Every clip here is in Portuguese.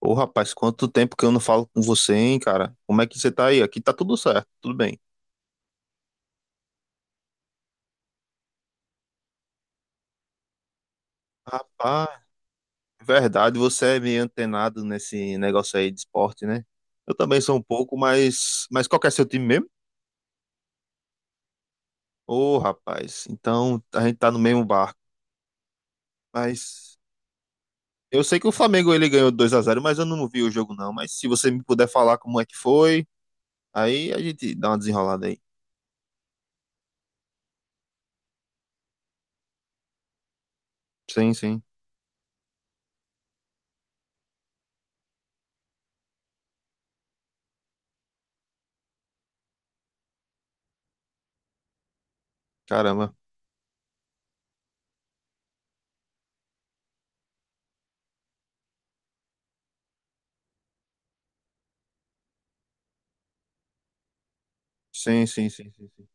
Ô, rapaz, quanto tempo que eu não falo com você, hein, cara? Como é que você tá aí? Aqui tá tudo certo, tudo bem. Rapaz, verdade, você é meio antenado nesse negócio aí de esporte, né? Eu também sou um pouco, mas qual que é seu time mesmo? Ô, rapaz, então a gente tá no mesmo barco. Mas eu sei que o Flamengo ele ganhou 2-0, mas eu não vi o jogo não. Mas se você me puder falar como é que foi, aí a gente dá uma desenrolada aí. Sim, sim. Caramba. Sim, sim, sim, sim, sim.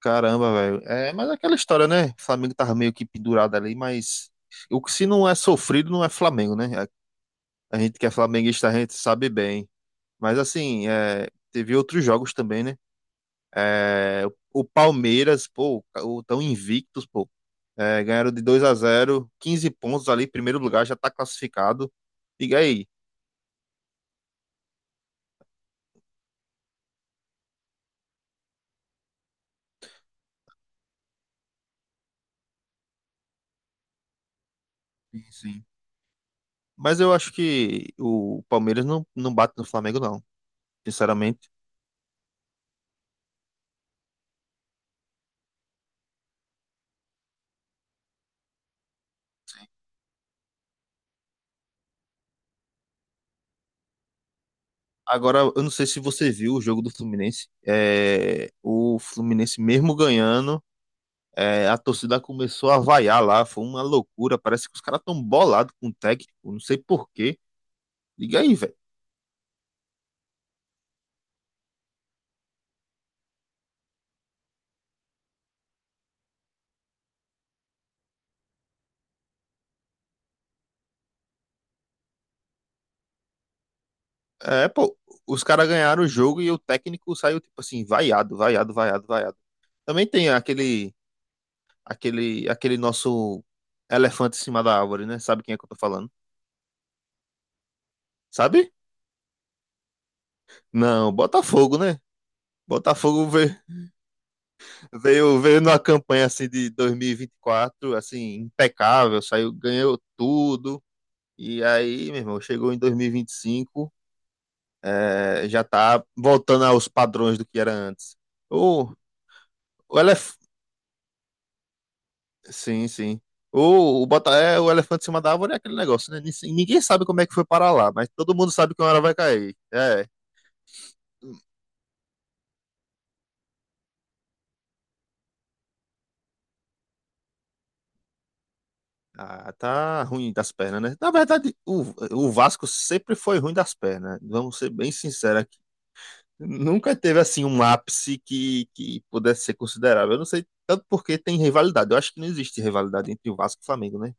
Caramba, velho. É, mas é aquela história, né? O Flamengo tava meio que pendurado ali, mas o que se não é sofrido não é Flamengo, né? A gente que é flamenguista, a gente sabe bem. Mas assim, é, teve outros jogos também, né? É, o Palmeiras, pô, o tão invictos, pô. É, ganharam de 2-0, 15 pontos ali, primeiro lugar, já tá classificado. Diga aí. Sim, sim. Mas eu acho que o Palmeiras não, não bate no Flamengo, não. Sinceramente. Agora, eu não sei se você viu o jogo do Fluminense. É, o Fluminense, mesmo ganhando, é, a torcida começou a vaiar lá. Foi uma loucura. Parece que os caras estão bolados com o técnico. Não sei por quê. Liga aí, velho. É, pô, os caras ganharam o jogo e o técnico saiu, tipo assim, vaiado, vaiado, vaiado, vaiado. Também tem aquele, aquele nosso elefante em cima da árvore, né? Sabe quem é que eu tô falando? Sabe? Não, Botafogo, né? Botafogo. Veio numa campanha assim de 2024, assim, impecável, saiu, ganhou tudo. E aí, meu irmão, chegou em 2025, já tá voltando aos padrões do que era antes. O, o elef... Sim, sim. O elefante em cima da árvore é aquele negócio, né? Ninguém sabe como é que foi parar lá, mas todo mundo sabe que uma hora vai cair. É. Ah, tá ruim das pernas, né? Na verdade, o Vasco sempre foi ruim das pernas. Vamos ser bem sinceros. Nunca teve assim um ápice que pudesse ser considerável. Eu não sei tanto porque tem rivalidade. Eu acho que não existe rivalidade entre o Vasco e o Flamengo, né?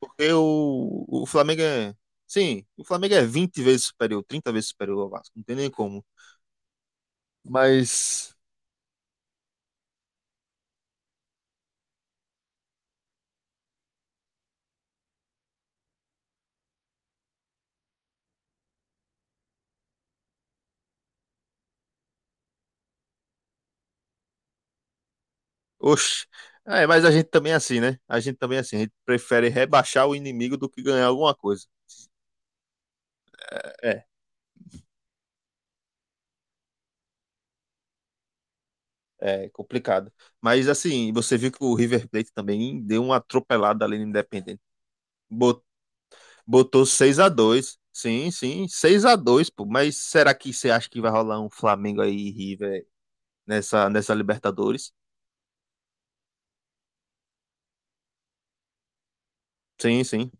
Porque o Flamengo é. Sim, o Flamengo é 20 vezes superior, 30 vezes superior ao Vasco. Não tem nem como. Mas. Oxe. É, mas a gente também é assim, né? A gente também é assim. A gente prefere rebaixar o inimigo do que ganhar alguma coisa. É, é complicado. Mas assim, você viu que o River Plate também deu uma atropelada ali no Independente. Botou 6-2. Sim, sim, 6-2, pô. Mas será que você acha que vai rolar um Flamengo aí e River nessa Libertadores? Sim, sim.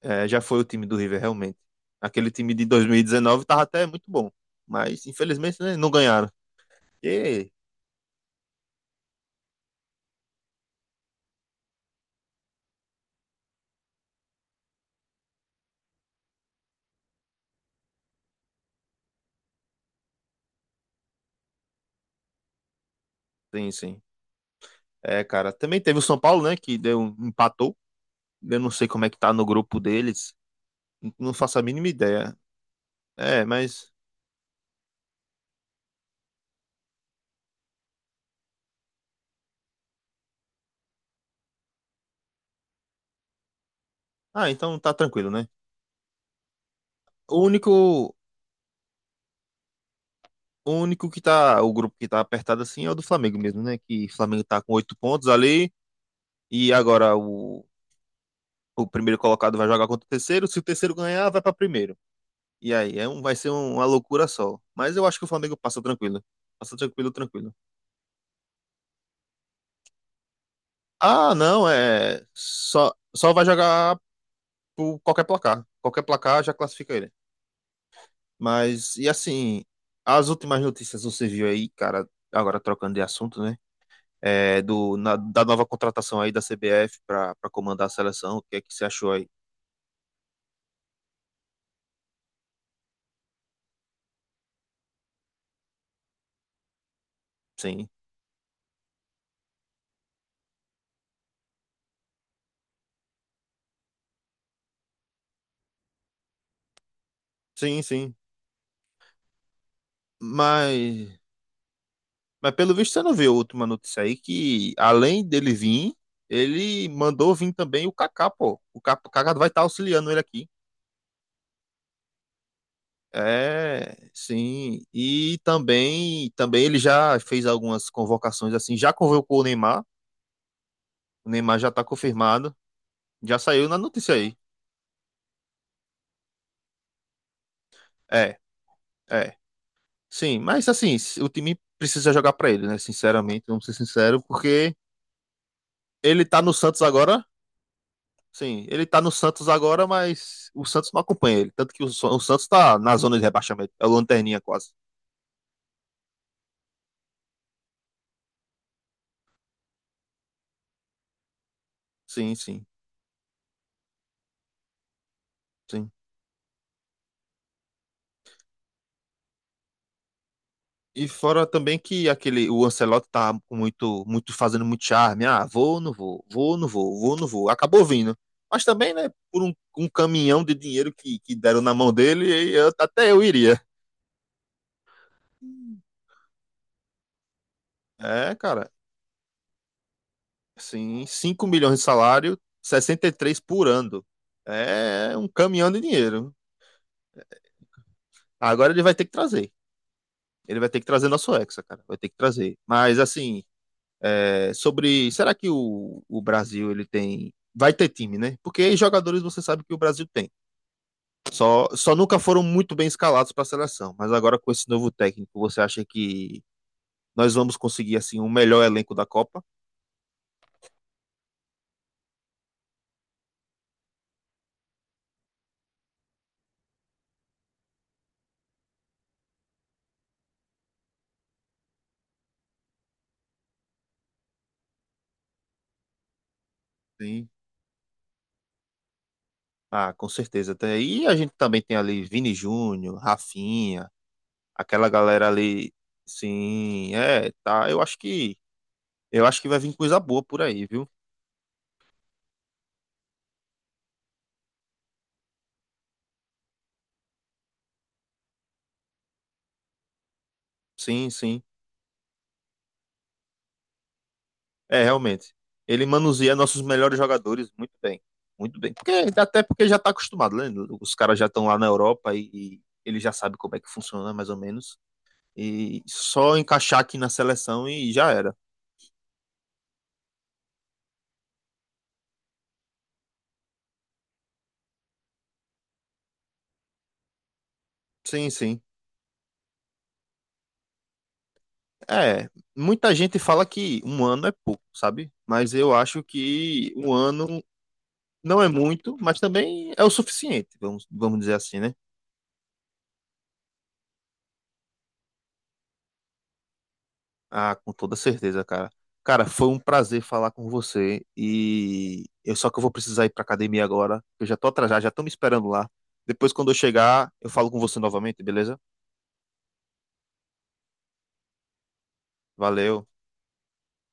É, já foi o time do River, realmente. Aquele time de 2019 tava até muito bom. Mas, infelizmente, né, não ganharam. E, sim, sim. É, cara. Também teve o São Paulo, né? Que deu, empatou. Eu não sei como é que tá no grupo deles. Não faço a mínima ideia. É, mas. Ah, então tá tranquilo, né? O único, o grupo que tá apertado assim é o do Flamengo mesmo, né? Que o Flamengo tá com oito pontos ali e agora o primeiro colocado vai jogar contra o terceiro. Se o terceiro ganhar, vai para primeiro. E aí vai ser uma loucura só. Mas eu acho que o Flamengo passa tranquilo. Passa tranquilo, tranquilo. Ah, não, é só vai jogar por qualquer placar. Qualquer placar já classifica ele. Mas e assim, as últimas notícias você viu aí, cara? Agora trocando de assunto, né? Da nova contratação aí da CBF para comandar a seleção. O que é que você achou aí? Sim, sim, sim. Mas, mas pelo visto você não viu a última notícia aí que além dele vir, ele mandou vir também o Kaká, pô. O Kaká vai estar auxiliando ele aqui. É, sim. E também ele já fez algumas convocações assim, já convocou o Neymar. O Neymar já tá confirmado. Já saiu na notícia aí. É, é. Sim, mas assim, o time precisa jogar pra ele, né? Sinceramente, vamos ser sinceros, porque ele tá no Santos agora. Sim, ele tá no Santos agora, mas o Santos não acompanha ele. Tanto que o Santos tá na zona de rebaixamento. É o lanterninha quase. Sim, sim, sim. E fora também que o Ancelotti tá com fazendo muito charme. Ah, vou, não vou, vou, não vou, vou, não vou. Acabou vindo. Mas também, né, por um caminhão de dinheiro que deram na mão dele, até eu iria. É, cara. Sim, 5 milhões de salário, 63 por ano. É um caminhão de dinheiro. Agora ele vai ter que trazer. Ele vai ter que trazer nosso Hexa, cara. Vai ter que trazer. Mas, assim, é, sobre. Será que o Brasil ele tem. Vai ter time, né? Porque jogadores você sabe que o Brasil tem. Só nunca foram muito bem escalados para a seleção. Mas agora com esse novo técnico, você acha que nós vamos conseguir, assim, um melhor elenco da Copa? Sim. Ah, com certeza. E a gente também tem ali Vini Júnior, Rafinha, aquela galera ali, sim, é, tá. Eu acho que vai vir coisa boa por aí, viu? Sim, sim. É, realmente. Ele manuseia nossos melhores jogadores muito bem. Muito bem. Até porque já tá acostumado, né? Os caras já estão lá na Europa e ele já sabe como é que funciona, mais ou menos. E só encaixar aqui na seleção e já era. Sim, sim. É, muita gente fala que um ano é pouco, sabe? Mas eu acho que um ano não é muito, mas também é o suficiente, vamos dizer assim, né? Ah, com toda certeza, cara. Cara, foi um prazer falar com você e eu só que eu vou precisar ir pra academia agora. Eu já tô atrasado, já estão me esperando lá. Depois, quando eu chegar, eu falo com você novamente, beleza? Valeu.